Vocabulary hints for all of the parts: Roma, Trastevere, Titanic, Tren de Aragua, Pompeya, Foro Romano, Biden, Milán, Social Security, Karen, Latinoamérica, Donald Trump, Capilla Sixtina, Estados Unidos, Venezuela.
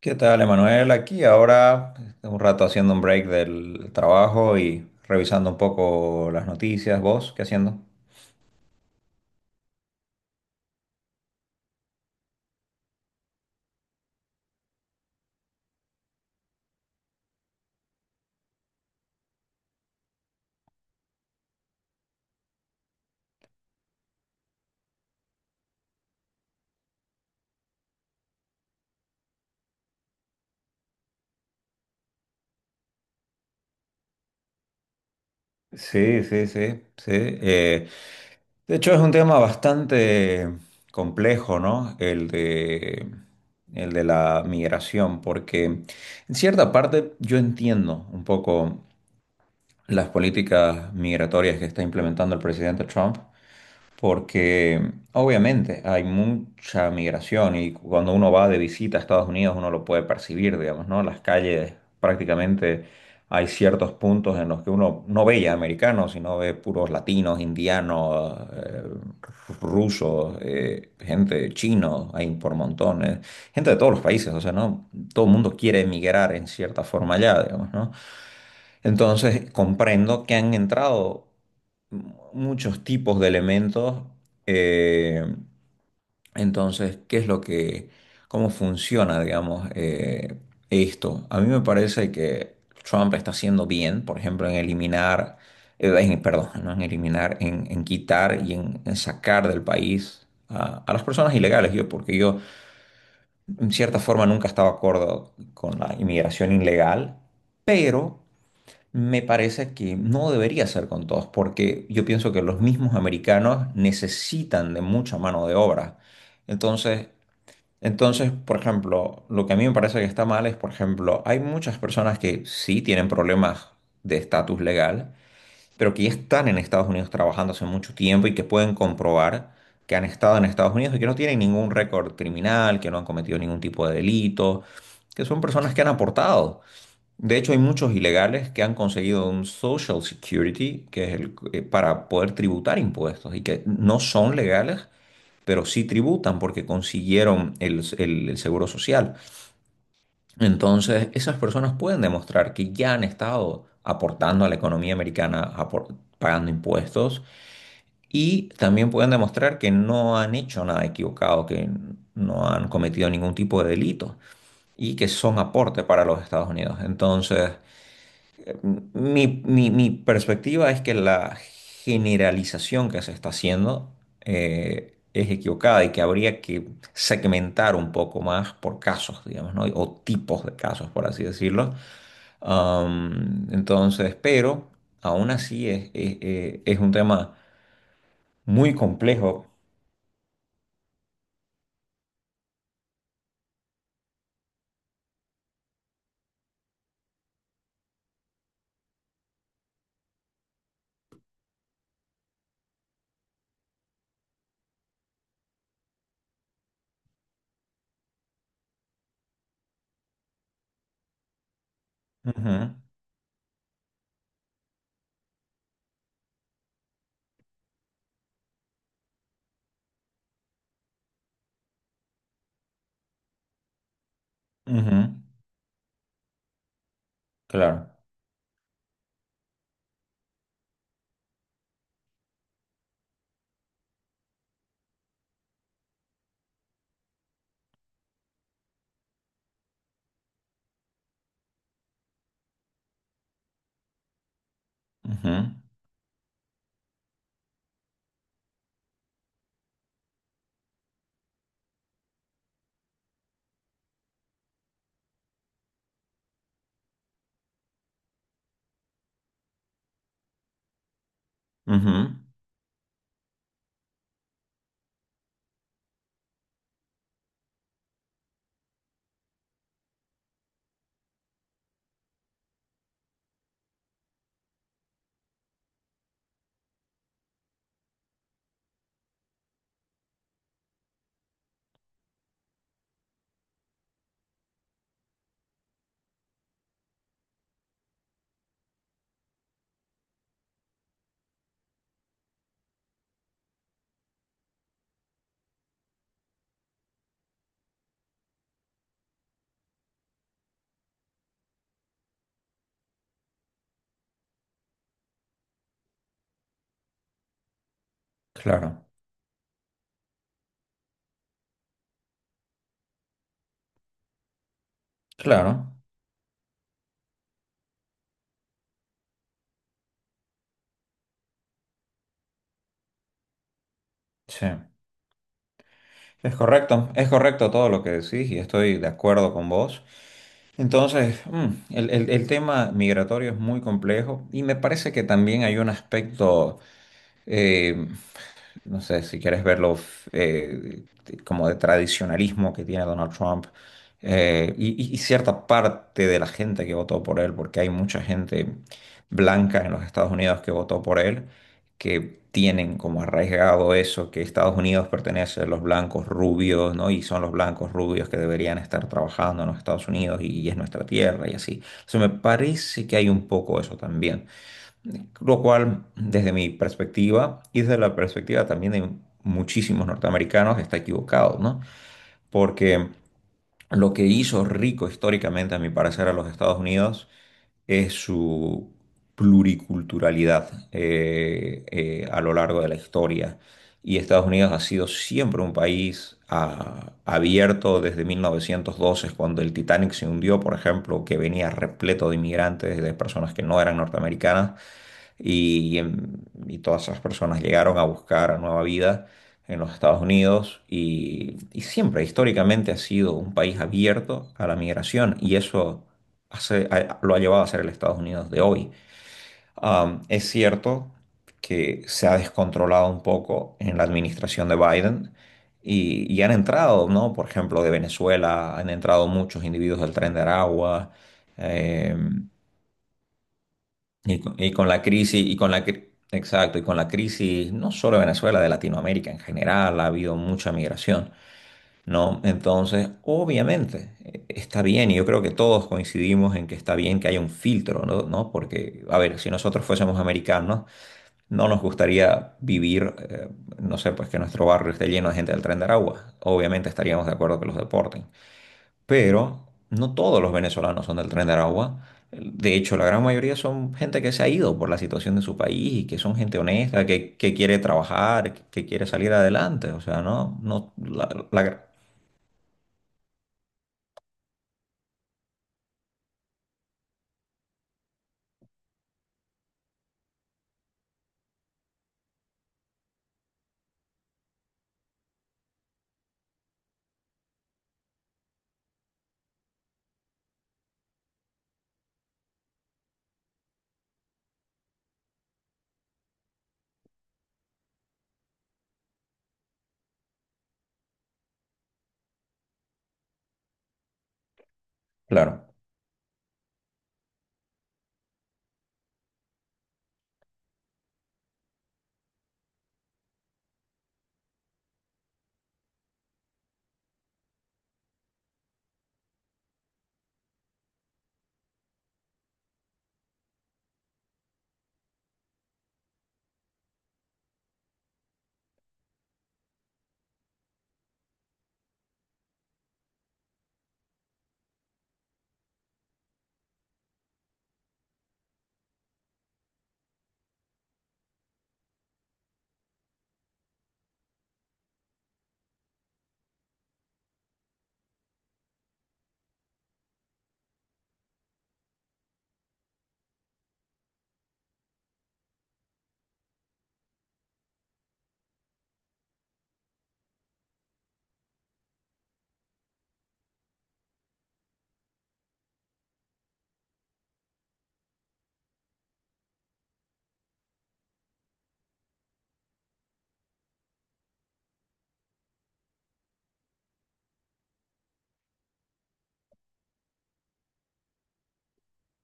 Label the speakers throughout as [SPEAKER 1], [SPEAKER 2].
[SPEAKER 1] ¿Qué tal, Emanuel? Aquí ahora un rato haciendo un break del trabajo y revisando un poco las noticias. ¿Vos qué haciendo? Sí, sí, sí, sí. De hecho, es un tema bastante complejo, ¿no? El de la migración, porque en cierta parte yo entiendo un poco las políticas migratorias que está implementando el presidente Trump, porque obviamente hay mucha migración y cuando uno va de visita a Estados Unidos uno lo puede percibir, digamos, ¿no? Las calles prácticamente hay ciertos puntos en los que uno no ve ya americanos, sino ve puros latinos, indianos, rusos, gente chino, hay por montones, gente de todos los países, o sea, ¿no? Todo el mundo quiere emigrar en cierta forma allá, digamos, ¿no? Entonces, comprendo que han entrado muchos tipos de elementos. eh, entonces, ¿qué es lo que, cómo funciona, digamos, esto? A mí me parece que Trump está haciendo bien, por ejemplo, en eliminar, perdón, no en eliminar, en quitar y en sacar del país. A las personas ilegales, yo, porque yo en cierta forma nunca estaba de acuerdo con la inmigración ilegal, pero me parece que no debería ser con todos, porque yo pienso que los mismos americanos necesitan de mucha mano de obra. Entonces, entonces, por ejemplo, lo que a mí me parece que está mal es, por ejemplo, hay muchas personas que sí tienen problemas de estatus legal, pero que ya están en Estados Unidos trabajando hace mucho tiempo y que pueden comprobar que han estado en Estados Unidos y que no tienen ningún récord criminal, que no han cometido ningún tipo de delito, que son personas que han aportado. De hecho, hay muchos ilegales que han conseguido un Social Security, que es el para poder tributar impuestos y que no son legales, pero sí tributan porque consiguieron el seguro social. Entonces, esas personas pueden demostrar que ya han estado aportando a la economía americana, pagando impuestos, y también pueden demostrar que no han hecho nada equivocado, que no han cometido ningún tipo de delito y que son aporte para los Estados Unidos. Entonces, mi perspectiva es que la generalización que se está haciendo es equivocada y que habría que segmentar un poco más por casos, digamos, ¿no? O tipos de casos, por así decirlo. Entonces, pero aún así es un tema muy complejo. Ujú, ujú, claro. Ujú, ujú, claro, claro. Sí. Es correcto todo lo que decís y estoy de acuerdo con vos. Entonces, el tema migratorio es muy complejo y me parece que también hay un aspecto eh, no sé, si quieres verlo eh, como de tradicionalismo que tiene Donald Trump, y cierta parte de la gente que votó por él, porque hay mucha gente blanca en los Estados Unidos que votó por él, que tienen como arraigado eso, que Estados Unidos pertenece a los blancos rubios, ¿no? Y son los blancos rubios que deberían estar trabajando en los Estados Unidos y es nuestra tierra y así. O sea, me parece que hay un poco eso también. Lo cual, desde mi perspectiva y desde la perspectiva también de muchísimos norteamericanos, está equivocado, ¿no? Porque lo que hizo rico históricamente, a mi parecer, a los Estados Unidos es su pluriculturalidad a lo largo de la historia. Y Estados Unidos ha sido siempre un país abierto desde 1912, cuando el Titanic se hundió, por ejemplo, que venía repleto de inmigrantes, de personas que no eran norteamericanas y todas esas personas llegaron a buscar nueva vida en los Estados Unidos y siempre históricamente ha sido un país abierto a la migración y eso lo ha llevado a ser el Estados Unidos de hoy. Es cierto que se ha descontrolado un poco en la administración de Biden. Y han entrado, ¿no? Por ejemplo, de Venezuela, han entrado muchos individuos del Tren de Aragua, em, y con la crisis, y con exacto, y con la crisis no solo de Venezuela, de Latinoamérica en general, ha habido mucha migración, ¿no? Entonces, obviamente, está bien, y yo creo que todos coincidimos en que está bien que haya un filtro, ¿no? ¿no? Porque, a ver, si nosotros fuésemos americanos, no nos gustaría vivir, no sé, pues que nuestro barrio esté lleno de gente del Tren de Aragua. Obviamente estaríamos de acuerdo que los deporten pero no todos los venezolanos son del Tren de Aragua. De hecho, la gran mayoría son gente que se ha ido por la situación de su país y que son gente honesta, que quiere trabajar, que quiere salir adelante. O sea, no, no, claro.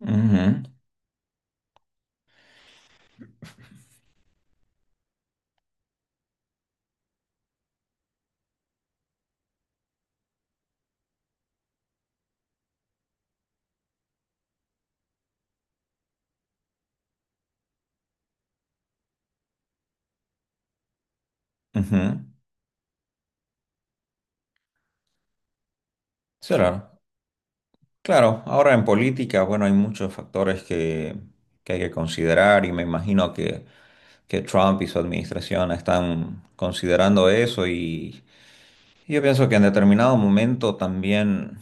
[SPEAKER 1] Ujú, ujú. Sí, claro, claro, ahora en política, bueno, hay muchos factores que hay que considerar y me imagino que Trump y su administración están considerando eso y sí, yo pienso que en determinado momento también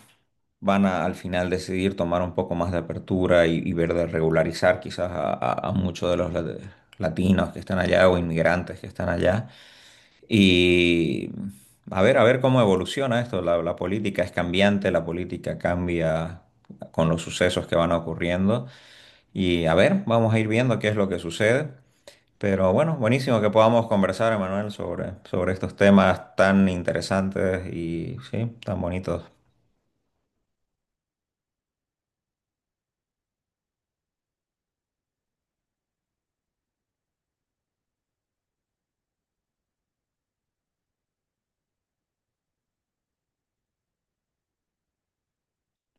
[SPEAKER 1] van a al final decidir tomar un poco más de apertura y ver de regularizar quizás a muchos de los latinos que están allá o inmigrantes que están allá. Y a ver cómo evoluciona esto. La política es cambiante, la política cambia con los sucesos que van ocurriendo. Y a ver, vamos a ir viendo qué es lo que sucede. Pero bueno, buenísimo que podamos conversar, Emanuel, sobre, sobre estos temas tan interesantes y sí, tan bonitos.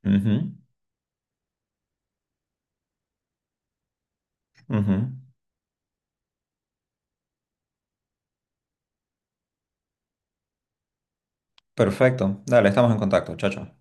[SPEAKER 1] Ujú, ujú. Perfecto. Dale, estamos en contacto. Chao, chao.